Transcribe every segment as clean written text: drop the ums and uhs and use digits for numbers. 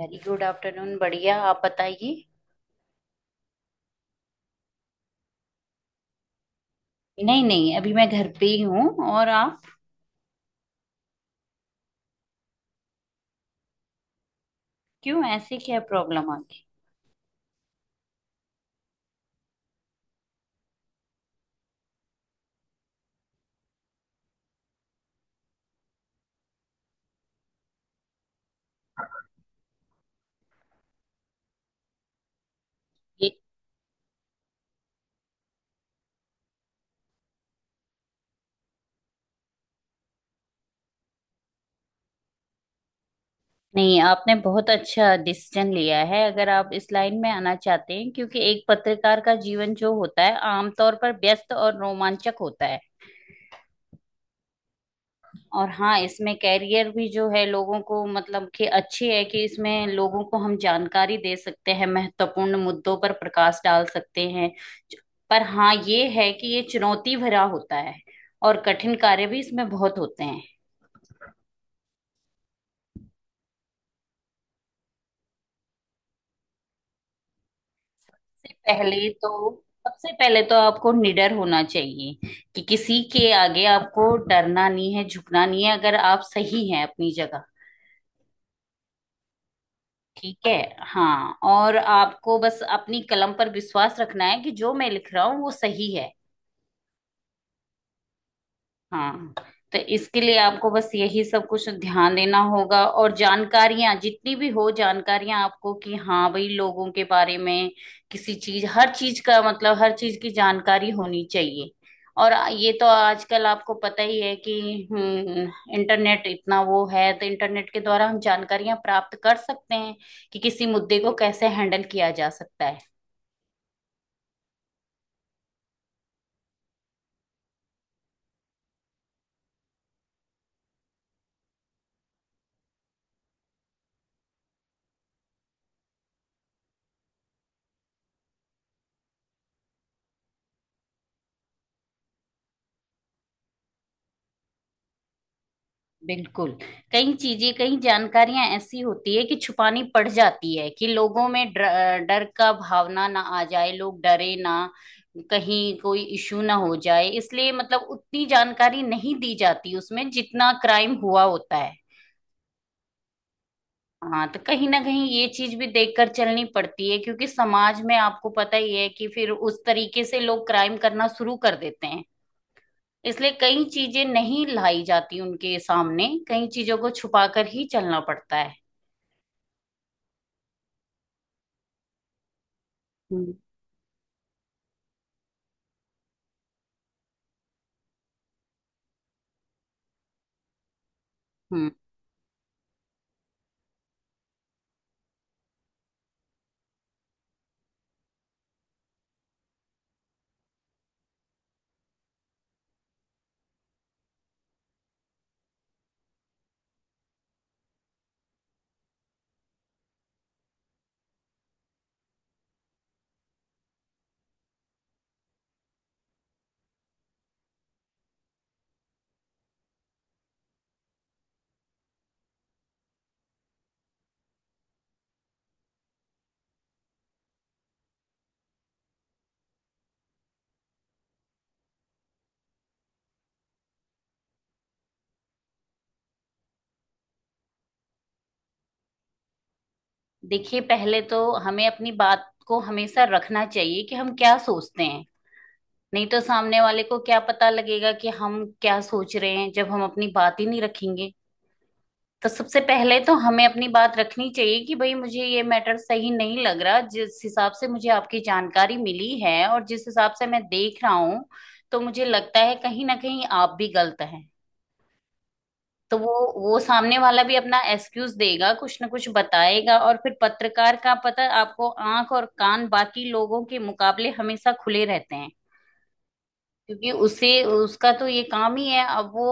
Very good afternoon. बढ़िया, आप बताइए। नहीं नहीं, अभी मैं घर पे ही हूँ। और आप? क्यों, ऐसे क्या प्रॉब्लम आ गई? ये नहीं, आपने बहुत अच्छा डिसीजन लिया है अगर आप इस लाइन में आना चाहते हैं, क्योंकि एक पत्रकार का जीवन जो होता है आमतौर पर व्यस्त और रोमांचक होता है। और हाँ, इसमें कैरियर भी जो है, लोगों को मतलब कि अच्छी है कि इसमें लोगों को हम जानकारी दे सकते हैं, महत्वपूर्ण मुद्दों पर प्रकाश डाल सकते हैं। पर हाँ, ये है कि ये चुनौती भरा होता है और कठिन कार्य भी इसमें बहुत होते हैं। सबसे पहले तो सबसे पहले तो आपको निडर होना चाहिए, कि किसी के आगे आपको डरना नहीं है, झुकना नहीं है, अगर आप सही हैं अपनी जगह। ठीक है हाँ, और आपको बस अपनी कलम पर विश्वास रखना है कि जो मैं लिख रहा हूँ वो सही है। हाँ, तो इसके लिए आपको बस यही सब कुछ ध्यान देना होगा, और जानकारियां जितनी भी हो जानकारियां आपको, कि हाँ भाई लोगों के बारे में किसी चीज हर चीज का मतलब हर चीज की जानकारी होनी चाहिए। और ये तो आजकल आपको पता ही है कि हम्म इंटरनेट इतना वो है, तो इंटरनेट के द्वारा हम जानकारियां प्राप्त कर सकते हैं कि किसी मुद्दे को कैसे हैंडल किया जा सकता है। बिल्कुल। कई चीजें कई जानकारियां ऐसी होती है कि छुपानी पड़ जाती है, कि लोगों में डर का भावना ना आ जाए, लोग डरे ना, कहीं कोई इशू ना हो जाए, इसलिए मतलब उतनी जानकारी नहीं दी जाती उसमें जितना क्राइम हुआ होता है। हाँ, तो कहीं ना कहीं ये चीज भी देखकर चलनी पड़ती है, क्योंकि समाज में आपको पता ही है कि फिर उस तरीके से लोग क्राइम करना शुरू कर देते हैं। इसलिए कई चीजें नहीं लाई जाती उनके सामने, कई चीजों को छुपा कर ही चलना पड़ता है। हम्म। हम्म। देखिए, पहले तो हमें अपनी बात को हमेशा रखना चाहिए कि हम क्या सोचते हैं। नहीं तो सामने वाले को क्या पता लगेगा कि हम क्या सोच रहे हैं, जब हम अपनी बात ही नहीं रखेंगे। तो सबसे पहले तो हमें अपनी बात रखनी चाहिए, कि भाई मुझे ये मैटर सही नहीं लग रहा, जिस हिसाब से मुझे आपकी जानकारी मिली है और जिस हिसाब से मैं देख रहा हूँ, तो मुझे लगता है कहीं ना कहीं आप भी गलत हैं। तो वो सामने वाला भी अपना एक्सक्यूज देगा, कुछ ना कुछ बताएगा। और फिर पत्रकार का पता है आपको, आंख और कान बाकी लोगों के मुकाबले हमेशा खुले रहते हैं, क्योंकि उसे उसका तो ये काम ही है। अब वो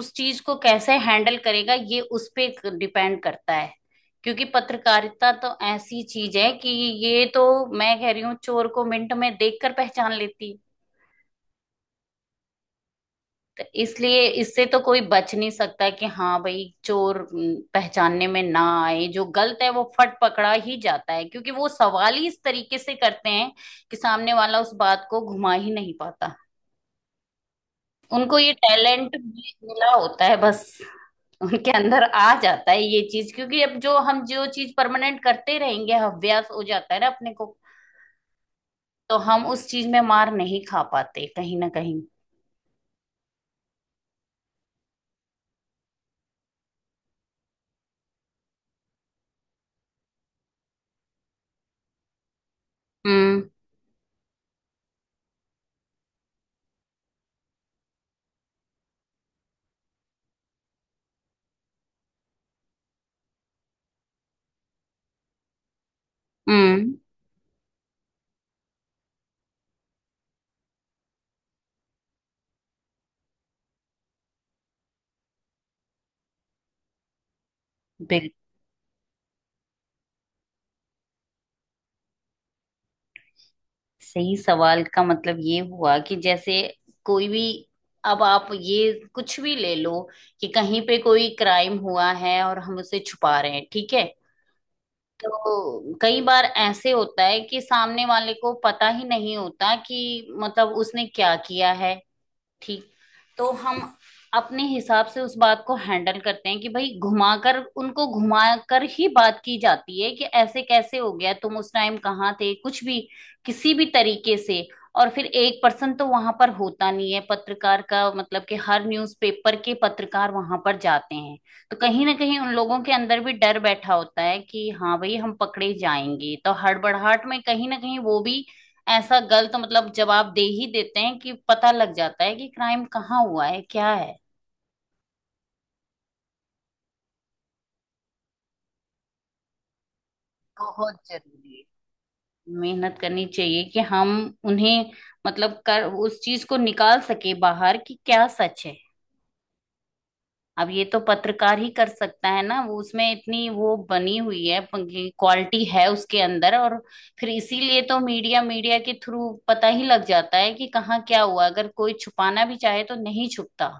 उस चीज को कैसे हैंडल करेगा ये उस पे डिपेंड करता है, क्योंकि पत्रकारिता तो ऐसी चीज है कि ये तो, मैं कह रही हूँ, चोर को मिनट में देखकर पहचान लेती है। तो इसलिए इससे तो कोई बच नहीं सकता, कि हाँ भाई चोर पहचानने में ना आए, जो गलत है वो फट पकड़ा ही जाता है, क्योंकि वो सवाल ही इस तरीके से करते हैं कि सामने वाला उस बात को घुमा ही नहीं पाता। उनको ये टैलेंट मिला होता है, बस उनके अंदर आ जाता है ये चीज, क्योंकि अब जो हम जो चीज परमानेंट करते रहेंगे अभ्यास हो जाता है ना अपने को। तो हम उस चीज में मार नहीं खा पाते कहीं ना कहीं। हम्म। हम्म। सही सवाल का मतलब ये हुआ कि जैसे कोई भी, अब आप ये कुछ भी ले लो, कि कहीं पे कोई क्राइम हुआ है और हम उसे छुपा रहे हैं, ठीक है। तो कई बार ऐसे होता है कि सामने वाले को पता ही नहीं होता कि मतलब उसने क्या किया है, ठीक। तो हम अपने हिसाब से उस बात को हैंडल करते हैं, कि भाई घुमाकर उनको घुमाकर ही बात की जाती है, कि ऐसे कैसे हो गया, तुम उस टाइम कहाँ थे, कुछ भी, किसी भी तरीके से। और फिर एक पर्सन तो वहां पर होता नहीं है पत्रकार का, मतलब कि हर न्यूज़पेपर के पत्रकार वहां पर जाते हैं। तो कहीं ना कहीं उन लोगों के अंदर भी डर बैठा होता है कि हाँ भाई हम पकड़े जाएंगे, तो हड़बड़ाहट में कहीं ना कहीं वो भी ऐसा गलत, मतलब जवाब दे ही देते हैं कि पता लग जाता है कि क्राइम कहाँ हुआ है क्या है। बहुत जरूरी है, मेहनत करनी चाहिए, कि हम उन्हें मतलब कर उस चीज को निकाल सके बाहर कि क्या सच है। अब ये तो पत्रकार ही कर सकता है ना, वो उसमें इतनी वो बनी हुई है, क्वालिटी है उसके अंदर। और फिर इसीलिए तो मीडिया मीडिया के थ्रू पता ही लग जाता है कि कहाँ क्या हुआ, अगर कोई छुपाना भी चाहे तो नहीं छुपता।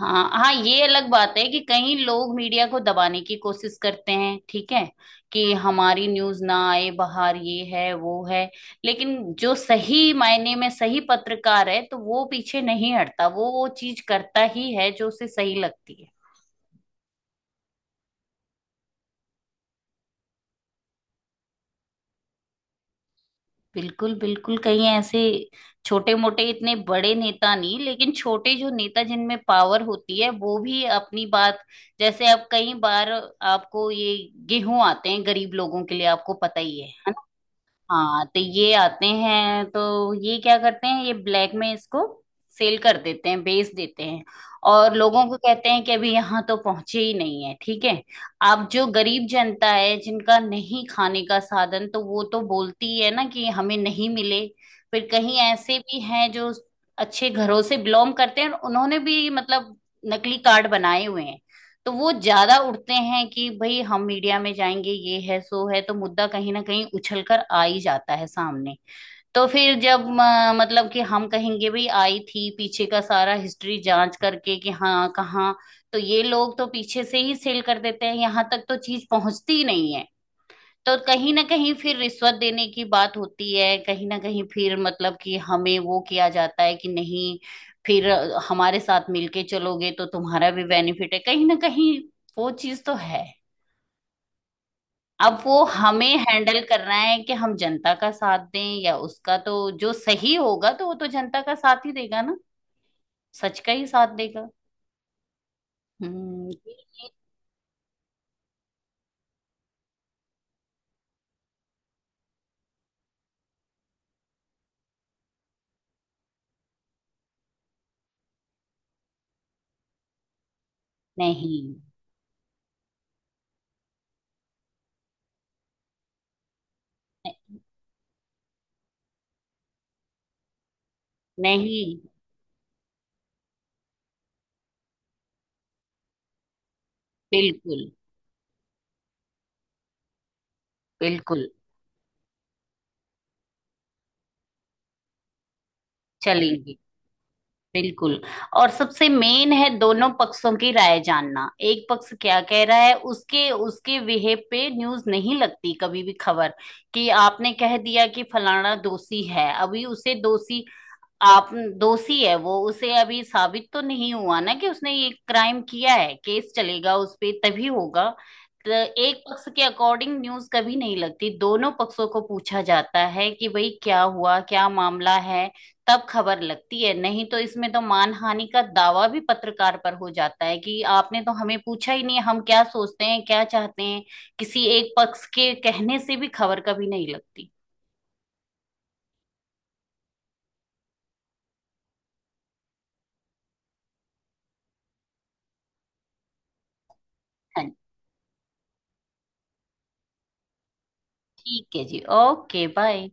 हाँ हाँ, ये अलग बात है कि कई लोग मीडिया को दबाने की कोशिश करते हैं, ठीक है, कि हमारी न्यूज ना आए बाहर, ये है वो है। लेकिन जो सही मायने में सही पत्रकार है तो वो पीछे नहीं हटता, वो चीज करता ही है जो उसे सही लगती है। बिल्कुल बिल्कुल। कहीं ऐसे छोटे मोटे, इतने बड़े नेता नहीं लेकिन छोटे जो नेता जिनमें पावर होती है वो भी अपनी बात। जैसे अब कई बार, आपको ये गेहूं आते हैं गरीब लोगों के लिए, आपको पता ही है है। हाँ, तो ये आते हैं, तो ये क्या करते हैं, ये ब्लैक में इसको सेल कर देते हैं, बेच देते हैं, और लोगों को कहते हैं कि अभी यहाँ तो पहुंचे ही नहीं है, ठीक है। अब जो गरीब जनता है जिनका नहीं खाने का साधन, तो वो तो बोलती है ना कि हमें नहीं मिले। फिर कहीं ऐसे भी हैं जो अच्छे घरों से बिलोंग करते हैं और उन्होंने भी, मतलब, नकली कार्ड बनाए हुए हैं, तो वो ज्यादा उठते हैं कि भाई हम मीडिया में जाएंगे ये है सो है, तो मुद्दा कहीं ना कहीं उछल कर आ ही जाता है सामने। तो फिर जब मतलब कि हम कहेंगे भाई आई थी, पीछे का सारा हिस्ट्री जांच करके कि हाँ कहाँ, तो ये लोग तो पीछे से ही सेल कर देते हैं, यहाँ तक तो चीज पहुंचती ही नहीं है। तो कहीं ना कहीं फिर रिश्वत देने की बात होती है, कहीं ना कहीं फिर मतलब कि हमें वो किया जाता है कि नहीं, फिर हमारे साथ मिलके चलोगे तो तुम्हारा भी बेनिफिट है कहीं ना कहीं, वो चीज तो है। अब वो हमें हैंडल करना है कि हम जनता का साथ दें या उसका, तो जो सही होगा तो वो तो जनता का साथ ही देगा ना, सच का ही साथ देगा। हम्म। नहीं नहीं नहीं। बिल्कुल बिल्कुल। चलेंगे। बिल्कुल। और सबसे मेन है दोनों पक्षों की राय जानना, एक पक्ष क्या कह रहा है उसके उसके बिहेव पे न्यूज नहीं लगती कभी भी, खबर कि आपने कह दिया कि फलाना दोषी है, अभी उसे दोषी, आप, दोषी है वो, उसे अभी साबित तो नहीं हुआ ना कि उसने ये क्राइम किया है, केस चलेगा उस पे तभी होगा। तो एक पक्ष के अकॉर्डिंग न्यूज कभी नहीं लगती, दोनों पक्षों को पूछा जाता है कि भाई क्या हुआ क्या मामला है, तब खबर लगती है। नहीं तो इसमें तो मानहानि का दावा भी पत्रकार पर हो जाता है कि आपने तो हमें पूछा ही नहीं हम क्या सोचते हैं क्या चाहते हैं। किसी एक पक्ष के कहने से भी खबर कभी नहीं लगती। हाँ, ठीक है जी, ओके बाय।